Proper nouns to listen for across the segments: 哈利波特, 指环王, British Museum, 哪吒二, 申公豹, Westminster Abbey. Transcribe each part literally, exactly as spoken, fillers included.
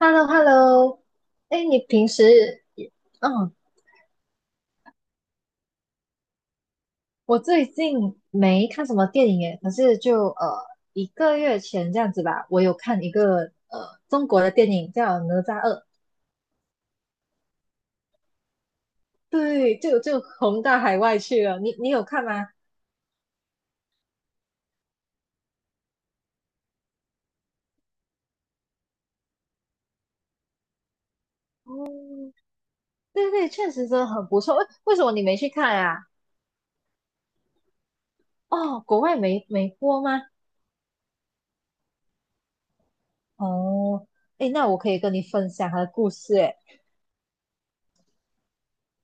h e l l o h e l l o 哎，你平时，嗯，我最近没看什么电影诶，可是就呃一个月前这样子吧，我有看一个呃中国的电影叫《哪吒二》，对，就就红到海外去了。你你有看吗？哦，对对，确实真的很不错。为为什么你没去看啊？哦，国外没没播吗？哦，哎，那我可以跟你分享他的故事诶。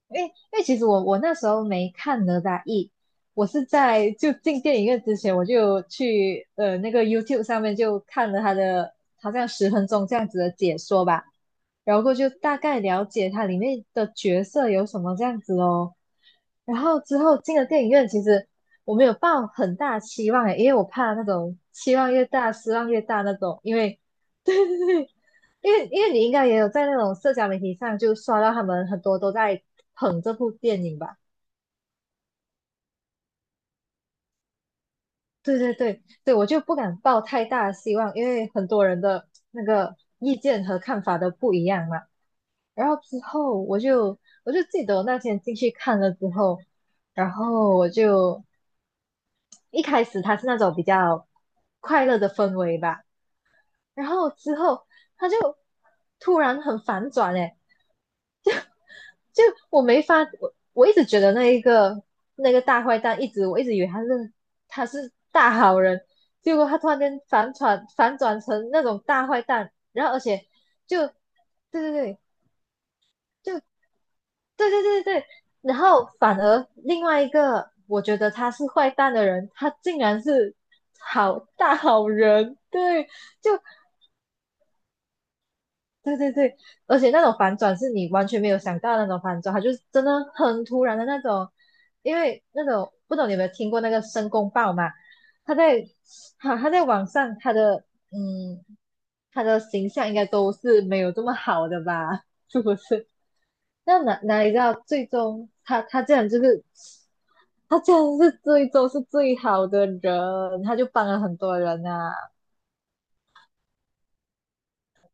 因为因为其实我我那时候没看哪吒一，我是在就进电影院之前，我就有去呃那个 YouTube 上面就看了他的好像十分钟这样子的解说吧，然后过后就大概了解它里面的角色有什么这样子哦。然后之后进了电影院，其实我没有抱很大期望诶，因为我怕那种期望越大失望越大那种，因为 对对对，因为因为你应该也有在那种社交媒体上就刷到他们很多都在捧这部电影吧？对对对对，我就不敢抱太大的希望，因为很多人的那个意见和看法都不一样嘛。然后之后我就我就记得我那天进去看了之后，然后我就一开始它是那种比较快乐的氛围吧，然后之后它就突然很反转诶，就我没法，我我一直觉得那一个那个大坏蛋，一直我一直以为他是他是大好人，结果他突然间反转反转成那种大坏蛋，然后而且就对对对，就对对对对，然后反而另外一个我觉得他是坏蛋的人，他竟然是好大好人，对，就对对对，而且那种反转是你完全没有想到的那种反转，他就是真的很突然的那种。因为那种不懂你有没有听过那个申公豹嘛？他在他他在网上他的嗯他的形象应该都是没有这么好的吧？是不是？那哪哪里知道最终他他这样就是他这样是最终是最好的人，他就帮了很多人啊。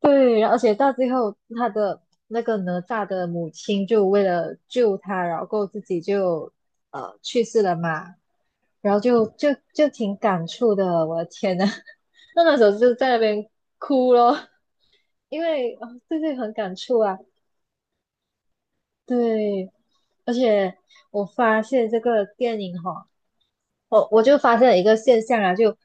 对，而且到最后，他的那个哪吒的母亲就为了救他，然后自己就呃去世了嘛，然后就就就挺感触的，我的天呐，那那时候就在那边哭咯，因为啊、对对，很感触啊，对，而且我发现这个电影哈、我我就发现了一个现象啊，就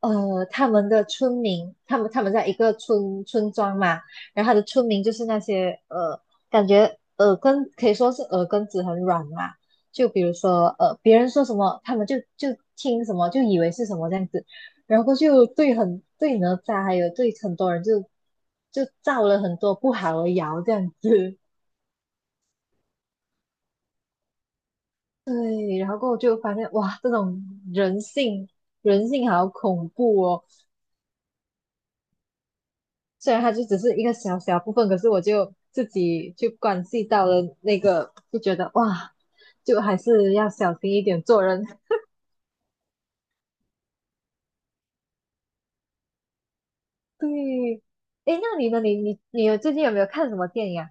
呃，他们的村民，他们他们在一个村村庄嘛，然后他的村民就是那些呃，感觉耳根可以说是耳根子很软嘛，就比如说呃，别人说什么，他们就就听什么，就以为是什么这样子，然后就对很对哪吒，还有对很多人就就造了很多不好的谣这样子，对，然后过后就发现哇，这种人性人性好恐怖哦。虽然它就只是一个小小部分，可是我就自己就关系到了那个，就觉得哇，就还是要小心一点做人。对，诶，那你呢？你你你有最近有没有看什么电影啊？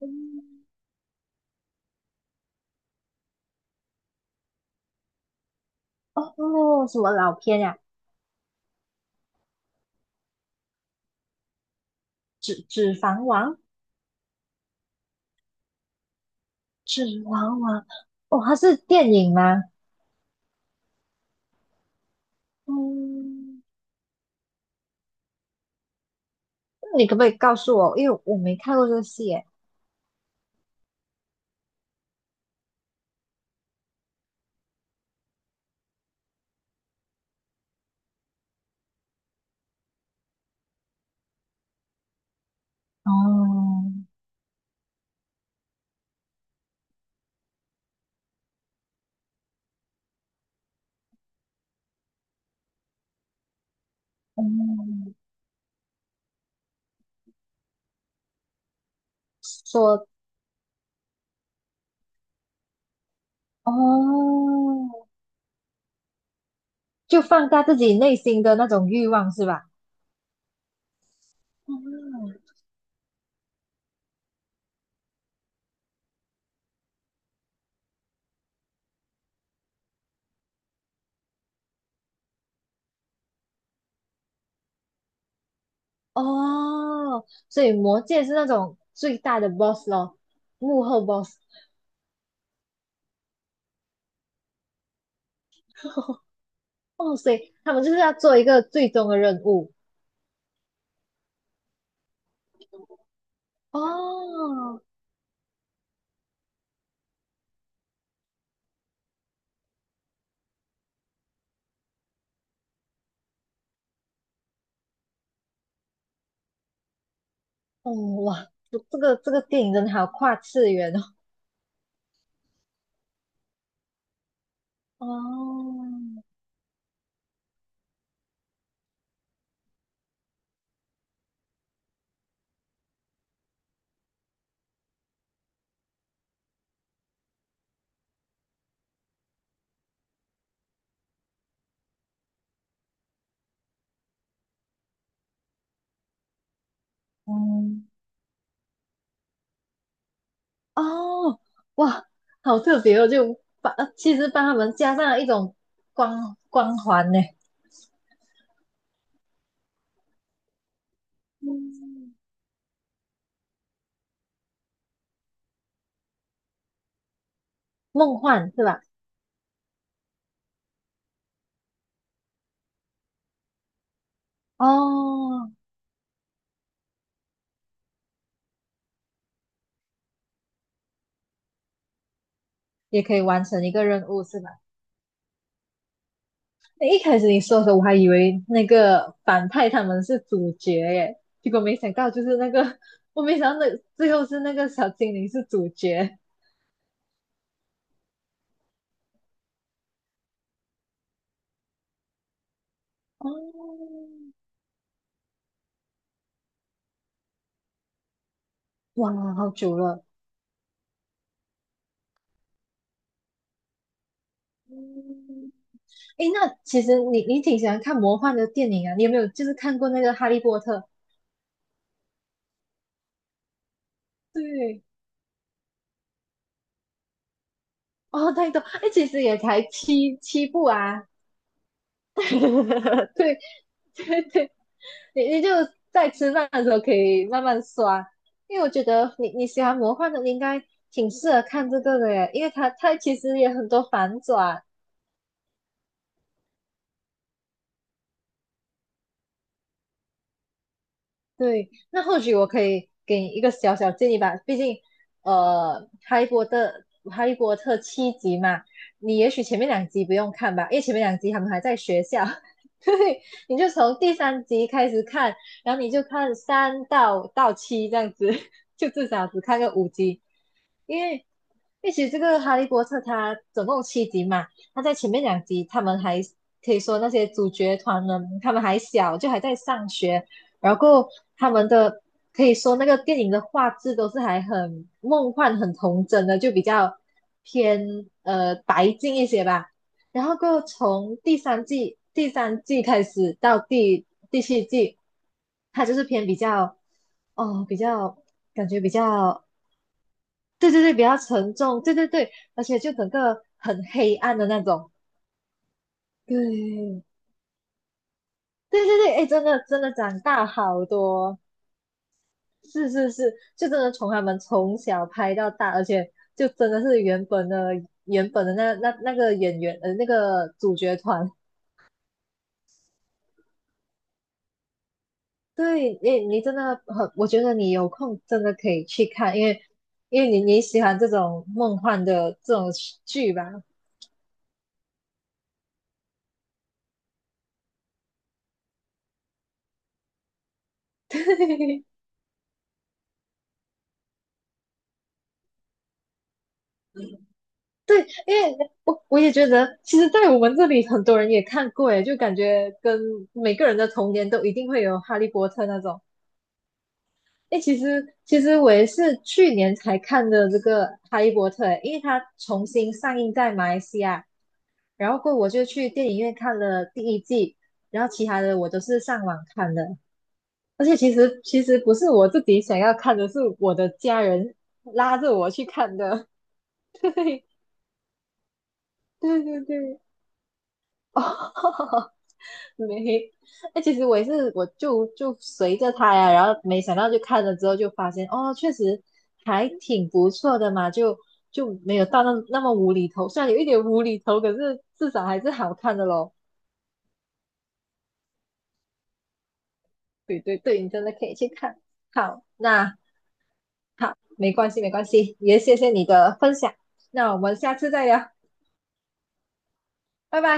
嗯哦，什么老片呀、指指环王》《指环王》哦，它是电影吗？嗯，那你可不可以告诉我？因为我没看过这个戏耶。哦，哦，说哦，就放大自己内心的那种欲望，是吧？嗯，哦，所以魔界是那种最大的 boss 咯，幕后 boss。哦，所以他们就是要做一个最终的任务。哦，哦，哇，这个这个电影真的好跨次元哦。哦，嗯，哦，哇，好特别哦，就把呃其实帮他们加上了一种光光环呢，嗯梦幻是吧？哦，也可以完成一个任务，是吧？诶一开始你说的时候，我还以为那个反派他们是主角耶，结果没想到就是那个，我没想到那最后是那个小精灵是主角。哦，哇，好久了。嗯，诶，那其实你你挺喜欢看魔幻的电影啊？你有没有就是看过那个《哈利波特》？对，哦，太多，哎，其实也才七七部啊。对 对对，你你就在吃饭的时候可以慢慢刷，因为我觉得你你喜欢魔幻的，你应该挺适合看这个的耶，因为它它其实也很多反转。对，那或许我可以给你一个小小建议吧，毕竟呃，哈利波特哈利波特七集嘛，你也许前面两集不用看吧，因为前面两集他们还在学校，对，你就从第三集开始看，然后你就看三到到七这样子，就至少只看个五集。因为因为其实这个《哈利波特》它总共有七集嘛，它在前面两集他们还可以说那些主角团呢，他们还小，就还在上学，然后他们的可以说那个电影的画质都是还很梦幻、很童真的，就比较偏呃白净一些吧。然后过后从第三季第三季开始到第第七季，它就是偏比较哦比较感觉比较对对对，比较沉重，对对对，而且就整个很黑暗的那种，对对对对，哎，真的真的长大好多，是是是，就真的从他们从小拍到大，而且就真的是原本的原本的那那那个演员呃那个主角团，对，你你真的很，我觉得你有空真的可以去看，因为因为你你喜欢这种梦幻的这种剧吧，对。对，因为我我也觉得，其实，在我们这里很多人也看过，诶，就感觉跟每个人的童年都一定会有《哈利波特》那种。诶，其实其实我也是去年才看的这个《哈利波特》，因为它重新上映在马来西亚，然后过后我就去电影院看了第一季，然后其他的我都是上网看的。而且其实其实不是我自己想要看的，是我的家人拉着我去看的。对对对对。哦，没，哎，其实我也是，我就就随着他呀，然后没想到就看了之后就发现，哦，确实还挺不错的嘛，就就没有到那那么无厘头，虽然有一点无厘头，可是至少还是好看的咯。对对对，你真的可以去看。好，那好，没关系没关系，也谢谢你的分享，那我们下次再聊，拜拜。